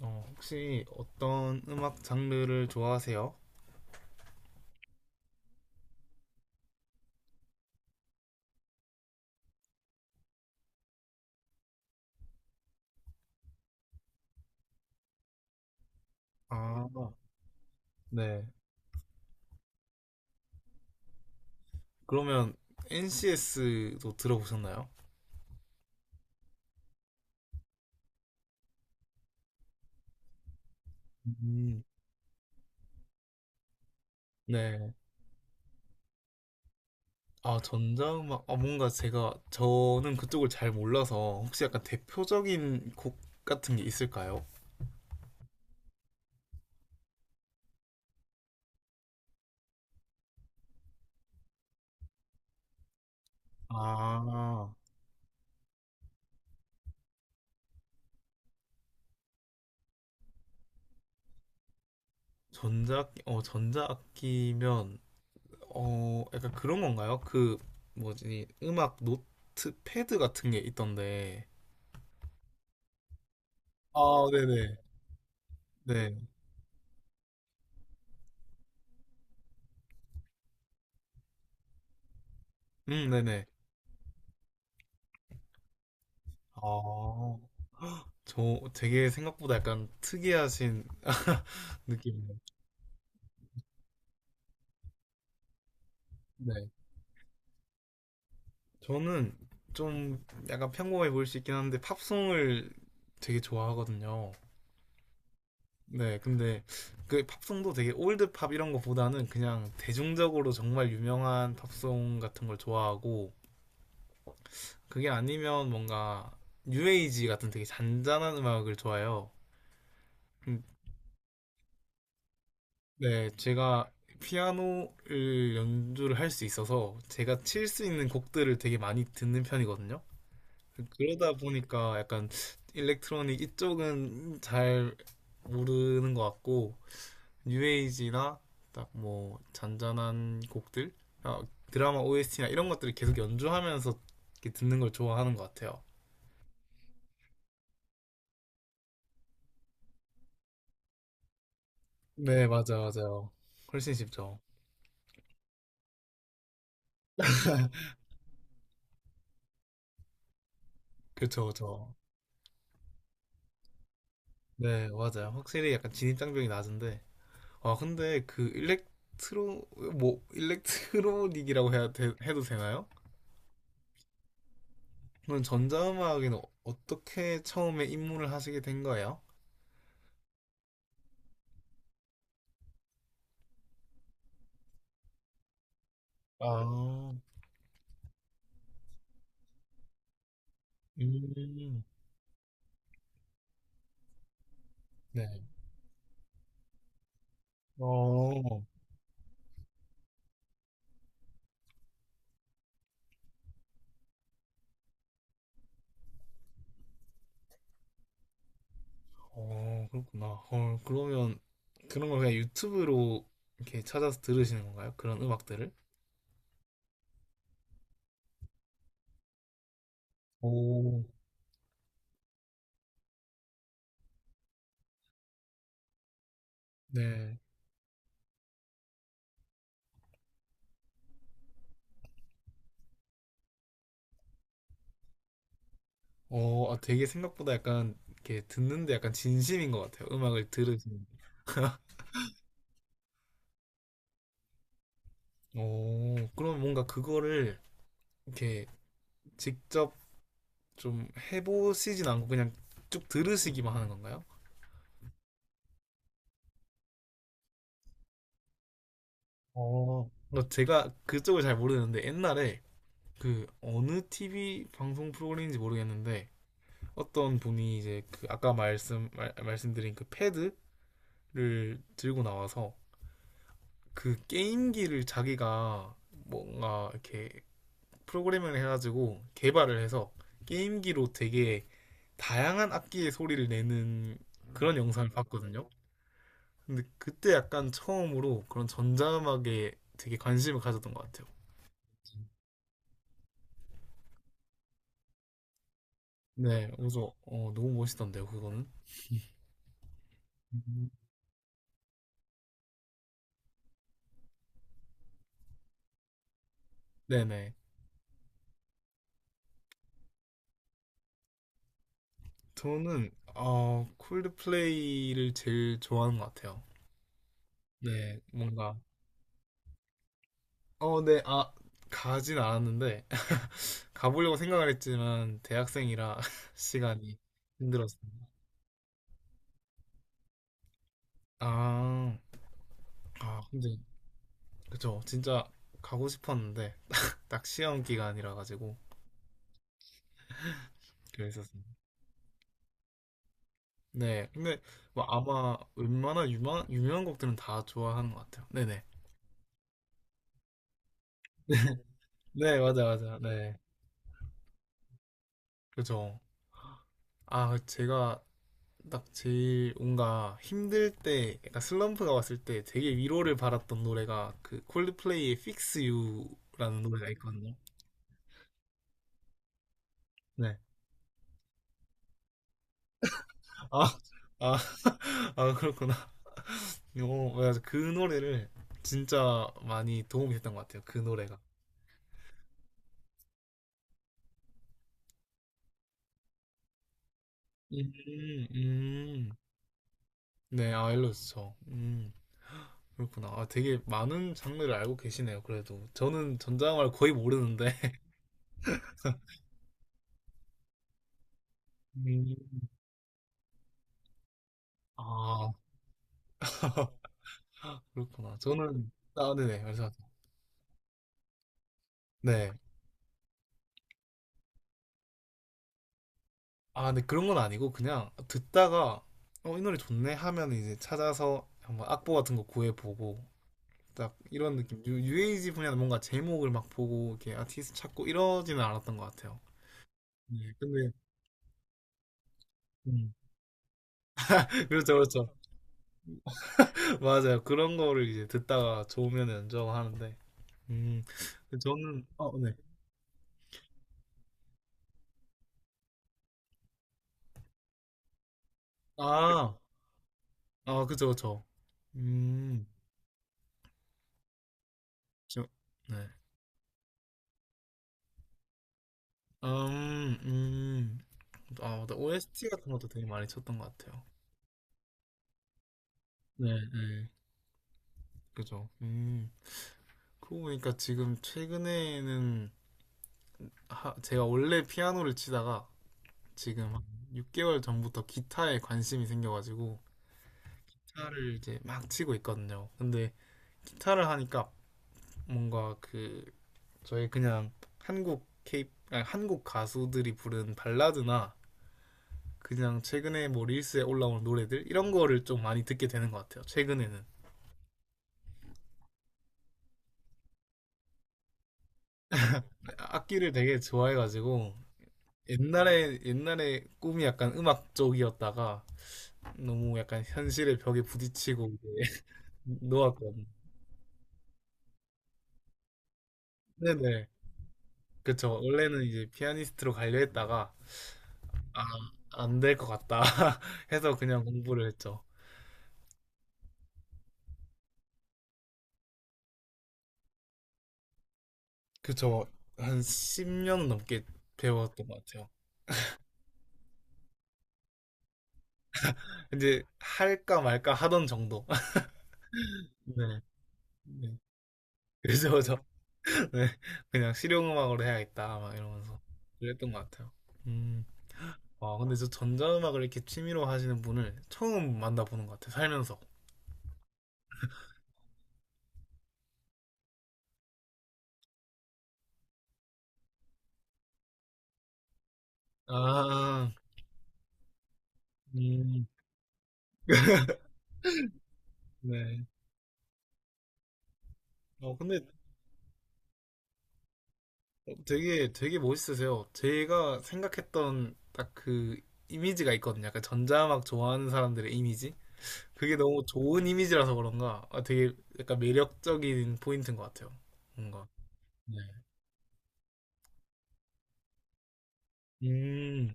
어, 혹시 어떤 음악 장르를 좋아하세요? 아, 네. 그러면 NCS도 들어보셨나요? 음, 네. 아, 전자음악. 아, 뭔가 저는 그쪽을 잘 몰라서 혹시 약간 대표적인 곡 같은 게 있을까요? 아, 전자, 어, 전자악기면, 어, 약간 그런 건가요? 그, 뭐지, 음악 노트패드 같은 게 있던데. 아, 네네, 네. 네네. 아, 저 되게 생각보다 약간 특이하신 느낌이네요. 네. 저는 좀 약간 평범해 보일 수 있긴 한데 팝송을 되게 좋아하거든요. 네, 근데 그 팝송도 되게 올드 팝 이런 거보다는 그냥 대중적으로 정말 유명한 팝송 같은 걸 좋아하고 그게 아니면 뭔가 뉴에이지 같은 되게 잔잔한 음악을 좋아해요. 음, 네, 제가 피아노를 연주를 할 수 있어서 제가 칠 수 있는 곡들을 되게 많이 듣는 편이거든요. 그러다 보니까 약간 일렉트로닉 이쪽은 잘 모르는 것 같고 뉴에이지나 딱 뭐 잔잔한 곡들, 아, 드라마 OST나 이런 것들을 계속 연주하면서 이렇게 듣는 걸 좋아하는 것 같아요. 네, 맞아, 맞아요. 훨씬 쉽죠. 그쵸, 그쵸. 네, 맞아요. 확실히 약간 진입장벽이 낮은데 아 근데 그 일렉트로 뭐 해도 되나요? 그럼 전자음악에는 어떻게 처음에 입문을 하시게 된 거예요? 아, 음, 네. 어, 어, 그렇구나. 헐, 그러면 그런 걸 그냥 유튜브로 이렇게 찾아서 들으시는 건가요? 그런 음악들을? 오, 네. 어, 아, 되게 생각보다 약간 이렇게 듣는데 약간 진심인 것 같아요. 음악을 들으시는. 오, 그럼 뭔가 그거를 이렇게 직접 좀 해보시진 않고 그냥 쭉 들으시기만 하는 건가요? 어, 뭐 제가 그쪽을 잘 모르는데 옛날에 그 어느 TV 방송 프로그램인지 모르겠는데 어떤 분이 이제 그 아까 말씀드린 그 패드를 들고 나와서 그 게임기를 자기가 뭔가 이렇게 프로그래밍을 해가지고 개발을 해서 게임기로 되게 다양한 악기의 소리를 내는 그런 영상을 봤거든요. 근데 그때 약간 처음으로 그런 전자음악에 되게 관심을 가졌던 것 같아요. 네, 그래서 어, 너무 멋있던데요, 그거는. 음. 네네. 저는 어, 콜드플레이를 제일 좋아하는 것 같아요. 네, 뭔가 어, 네, 아, 가진 않았는데 가보려고 생각을 했지만 대학생이라 시간이 힘들었어요. 아, 아, 근데 그죠, 진짜 가고 싶었는데 딱 시험 기간이라 가지고 그랬었어요. 네. 근데 뭐 아마 웬만한 유명한 곡들은 다 좋아하는 것 같아요. 네네. 네, 맞아, 맞아. 네. 그죠. 아, 제가 딱 제일 뭔가 힘들 때, 약간 슬럼프가 왔을 때 되게 위로를 받았던 노래가 그 콜드플레이의 Fix You라는 노래가 있거든요. 네. 아, 아, 아, 그렇구나. 어, 맞아. 그 노래를 진짜 많이 도움이 됐던 것 같아요. 그 노래가. 음, 음. 네, 아, 일러스트. 음, 그렇구나. 아, 되게 많은 장르를 알고 계시네요. 그래도 저는 전자영화를 거의 모르는데. 음. 아, 그렇구나. 저는 아, 네네, 말씀하세요. 네. 아, 근데 그런 건 아니고 그냥 듣다가 어, 이 노래 좋네 하면 이제 찾아서 한번 악보 같은 거 구해보고 딱 이런 느낌. 유, 에이지 분야는 뭔가 제목을 막 보고 이렇게 아티스트 찾고 이러지는 않았던 것 같아요. 네, 근데 음. 그렇죠, 그렇죠. 맞아요. 그런 거를 이제 듣다가 좋으면 연주하는데. 음, 저는, 아, 네. 아, 아, 그쵸, 그쵸. 음, 저, 네. 음, 음. 아, 맞다. OST 같은 것도 되게 많이 쳤던 것 같아요. 네, 네. 그죠. 음. 그러고 보니까 지금 최근에는 하, 제가 원래 피아노를 치다가 지금 한 6개월 전부터 기타에 관심이 생겨가지고 기타를 이제 막 치고 있거든요. 근데 기타를 하니까 뭔가 그 저희 그냥 한국 케이 아니, 한국 가수들이 부른 발라드나 그냥 최근에 뭐 릴스에 올라온 노래들 이런 거를 좀 많이 듣게 되는 것 같아요. 최근에는 악기를 되게 좋아해가지고 옛날에 꿈이 약간 음악 쪽이었다가 너무 약간 현실의 벽에 부딪히고 이제 놓았거든요. 네네 그쵸. 원래는 이제 피아니스트로 가려 했다가 아, 안될 것 같다 해서 그냥 공부를 했죠. 그저 한 10년 넘게 배웠던 것 같아요. 이제 할까 말까 하던 정도. 네. 네. 그래서 저 네. 그냥 실용음악으로 해야겠다 막 이러면서 그랬던 것 같아요. 음. 와, 근데 저 전자음악을 이렇게 취미로 하시는 분을 처음 만나보는 것 같아요. 살면서. 아, 음, 네. 어, 근데 되게 되게 멋있으세요. 제가 생각했던 딱 그 이미지가 있거든요. 약간 전자음악 좋아하는 사람들의 이미지. 그게 너무 좋은 이미지라서 그런가 아, 되게 약간 매력적인 포인트인 것 같아요. 뭔가. 네. 음.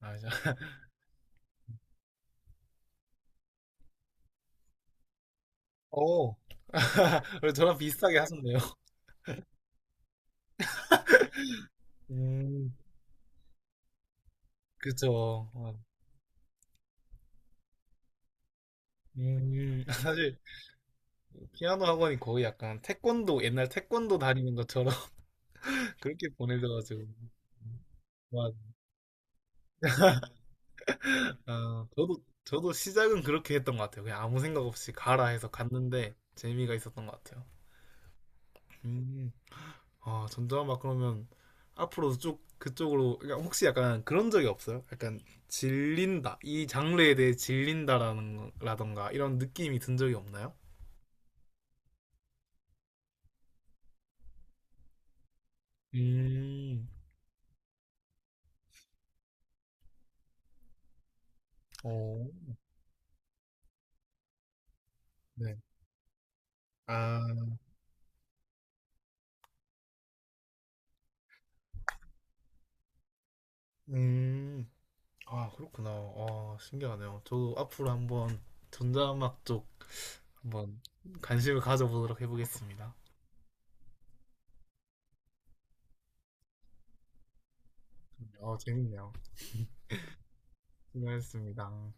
아, 맞아. 오. 그리고 저랑 비슷하게 하셨네요. 음. 그쵸. 어. 음. 사실 피아노 학원이 거의 약간 태권도 옛날 태권도 다니는 것처럼 그렇게 보내져가지고. 맞 아, 저도 시작은 그렇게 했던 것 같아요. 그냥 아무 생각 없이 가라 해서 갔는데 재미가 있었던 것 같아요. 음. 아 전자음악 그러면 앞으로도 쭉 그쪽으로 그러니까 혹시 약간 그런 적이 없어요? 약간 질린다 이 장르에 대해 질린다라는 라던가 이런 느낌이 든 적이 없나요? 음, 어, 네. 아, 음, 아, 그렇구나. 아, 신기하네요. 저도 앞으로 한번 전자음악 쪽 한번 관심을 가져보도록 해보겠습니다. 어, 재밌네요. 수고했습니다.